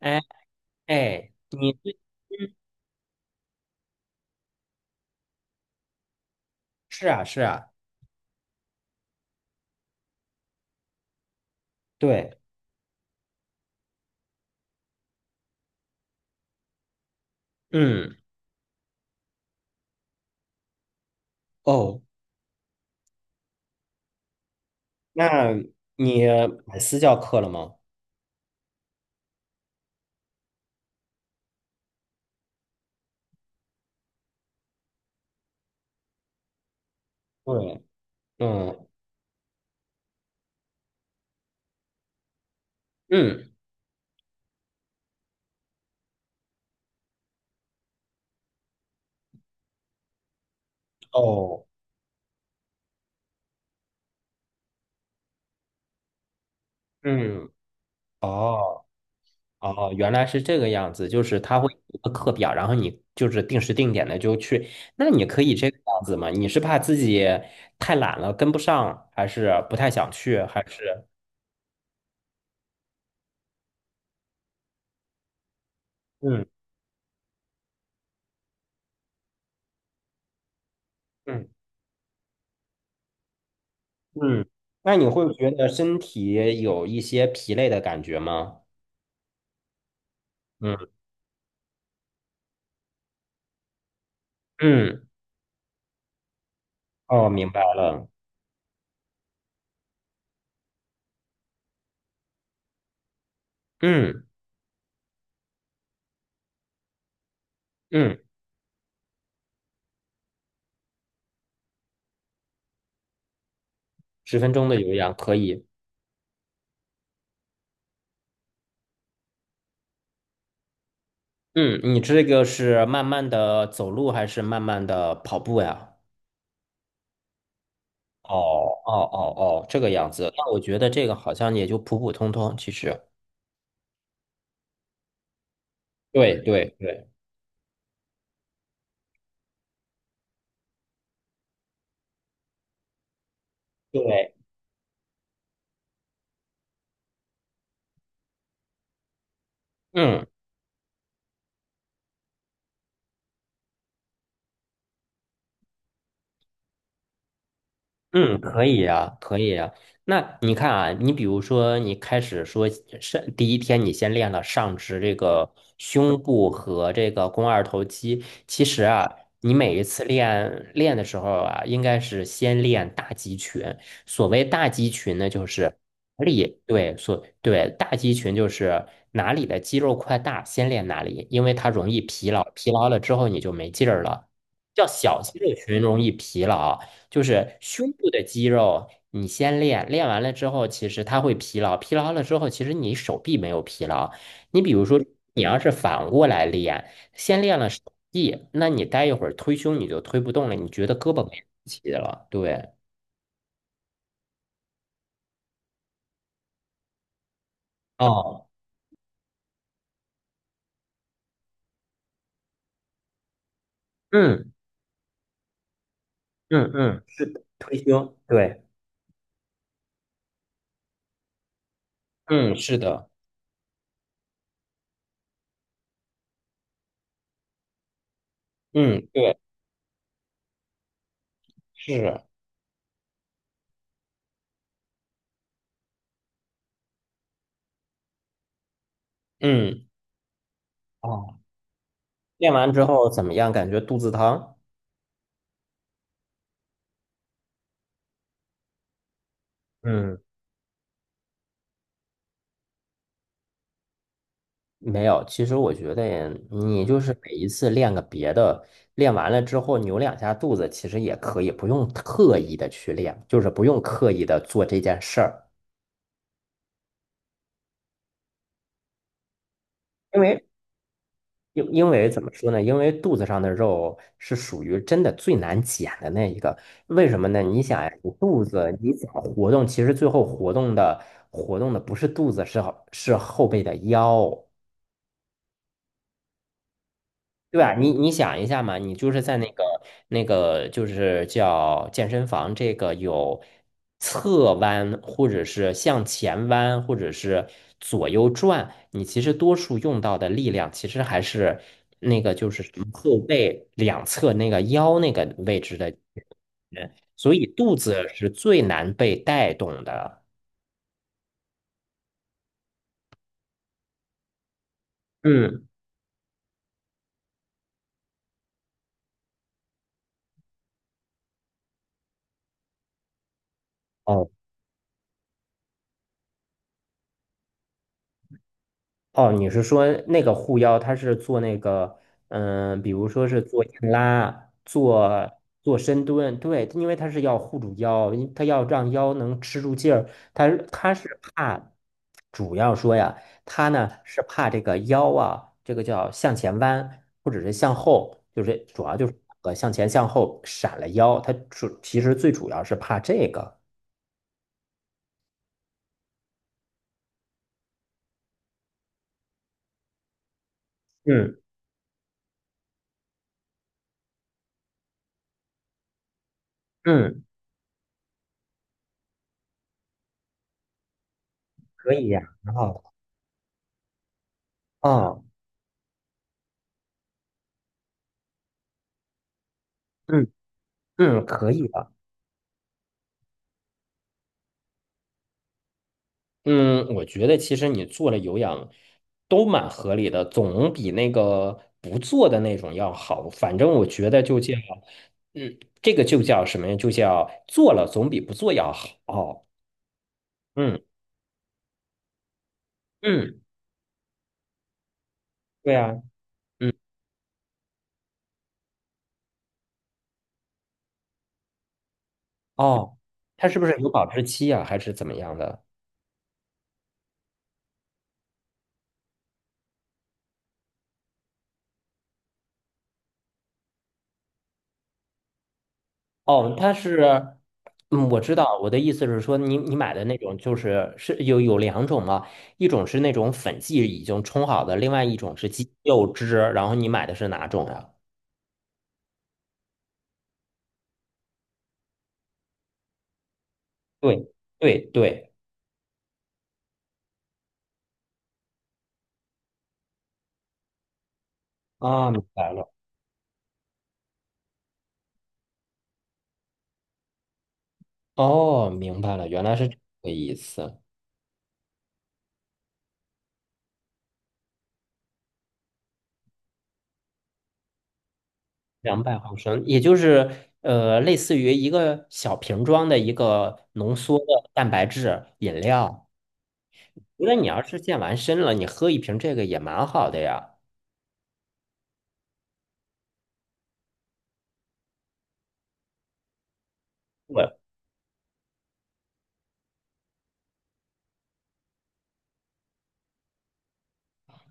哎哎。嗯。是啊是啊。对。嗯。哦。那你买私教课了吗？对。嗯。嗯。哦。嗯。哦。哦，原来是这个样子，就是他会有一个课表，然后你就是定时定点的就去。那你可以这个样子吗？你是怕自己太懒了跟不上，还是不太想去，还是嗯嗯嗯？那你会觉得身体有一些疲累的感觉吗？嗯。嗯，哦，明白了。嗯嗯，10分钟的有氧可以。嗯，你这个是慢慢的走路还是慢慢的跑步呀？哦哦哦哦，这个样子。那我觉得这个好像也就普普通通，其实。对对对对。嗯。嗯，可以呀，可以呀。那你看啊，你比如说，你开始说上第一天，你先练了上肢这个胸部和这个肱二头肌。其实啊，你每一次练的时候啊，应该是先练大肌群。所谓大肌群呢，就是哪里，对。所对大肌群就是哪里的肌肉块大，先练哪里，因为它容易疲劳，疲劳了之后你就没劲儿了。叫小肌肉群容易疲劳。就是胸部的肌肉，你先练，练完了之后，其实它会疲劳，疲劳了之后，其实你手臂没有疲劳。你比如说，你要是反过来练，先练了手臂，那你待一会儿推胸你就推不动了，你觉得胳膊没力气了，对。哦。嗯，嗯，嗯，推胸，对。嗯，是的。嗯，对。是。嗯。哦，练完之后怎么样？感觉肚子疼？嗯。没有，其实我觉得你就是每一次练个别的，练完了之后扭两下肚子，其实也可以，不用特意的去练，就是不用刻意的做这件事儿，因为怎么说呢？因为肚子上的肉是属于真的最难减的那一个，为什么呢？你想呀，你肚子你想活动，其实最后活动的不是肚子，是是后背的腰。对吧？你想一下嘛，你就是在那个那个就是叫健身房，这个有侧弯，或者是向前弯，或者是左右转，你其实多数用到的力量其实还是那个就是什么后背两侧那个腰那个位置的人，所以肚子是最难被带动的。嗯。哦。哦，你是说那个护腰，它是做那个，嗯，比如说是做硬拉，做深蹲，对，因为它是要护住腰，因它要让腰能吃住劲儿，它是怕，主要说呀，它呢是怕这个腰啊，这个叫向前弯，或者是向后，就是主要就是向前向后闪了腰，其实最主要是怕这个。嗯嗯，可以呀，很好的。哦。嗯嗯，可以的。嗯，我觉得其实你做了有氧都蛮合理的，总比那个不做的那种要好。反正我觉得就叫，嗯，这个就叫什么呀？就叫做了总比不做要好。嗯嗯。对啊。嗯。哦，它是不是有保质期呀、还是怎么样的？哦，它是，嗯，我知道，我的意思是说你买的那种就是是有两种嘛，一种是那种粉剂已经冲好的，另外一种是鸡肉汁，然后你买的是哪种呀？对对对。啊，明白了。哦，明白了，原来是这个意思。200毫升，也就是类似于一个小瓶装的一个浓缩的蛋白质饮料。觉得你要是健完身了，你喝一瓶这个也蛮好的呀。对。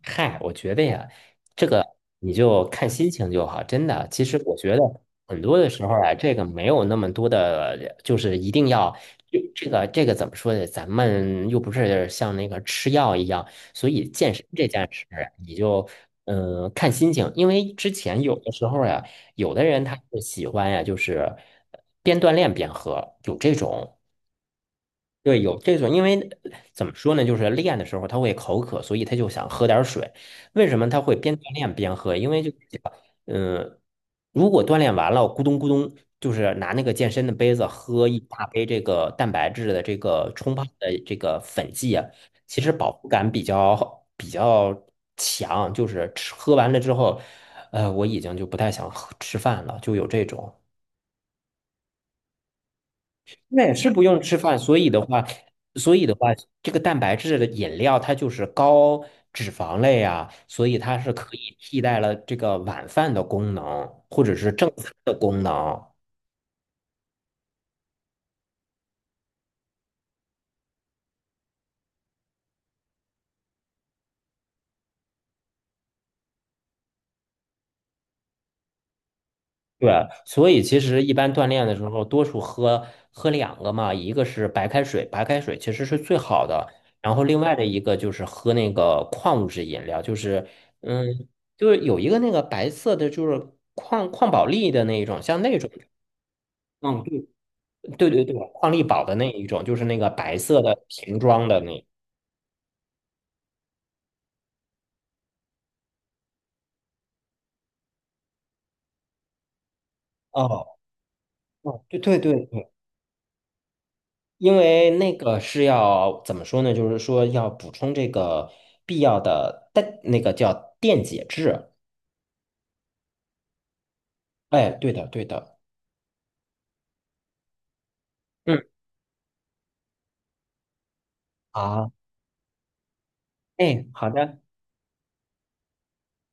嗨，我觉得呀，这个你就看心情就好，真的。其实我觉得很多的时候啊，这个没有那么多的，就是一定要就这个怎么说呢？咱们又不是像那个吃药一样，所以健身这件事儿啊，你就看心情，因为之前有的时候呀，有的人他是喜欢呀，就是边锻炼边喝，有这种。对，有这种，因为怎么说呢？就是练的时候他会口渴，所以他就想喝点儿水。为什么他会边锻炼边喝？因为就是讲，嗯、如果锻炼完了，咕咚咕咚，就是拿那个健身的杯子喝一大杯这个蛋白质的这个冲泡的这个粉剂啊，其实饱腹感比较强，就是吃喝完了之后，我已经就不太想喝吃饭了，就有这种。那也是不用吃饭，所以的话，所以的话，这个蛋白质的饮料它就是高脂肪类啊，所以它是可以替代了这个晚饭的功能，或者是正餐的功能。对，所以其实一般锻炼的时候，多数喝两个嘛，一个是白开水，白开水其实是最好的，然后另外的一个就是喝那个矿物质饮料，嗯，就是有一个那个白色的，就是矿宝力的那一种，像那种。嗯，对。对对对，矿力宝的那一种，就是那个白色的瓶装的那。哦。哦，对对对对，因为那个是要怎么说呢？就是说要补充这个必要的那个叫电解质。哎，对的对的。嗯，好。哎，好的。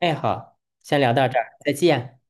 哎，好，先聊到这儿，再见。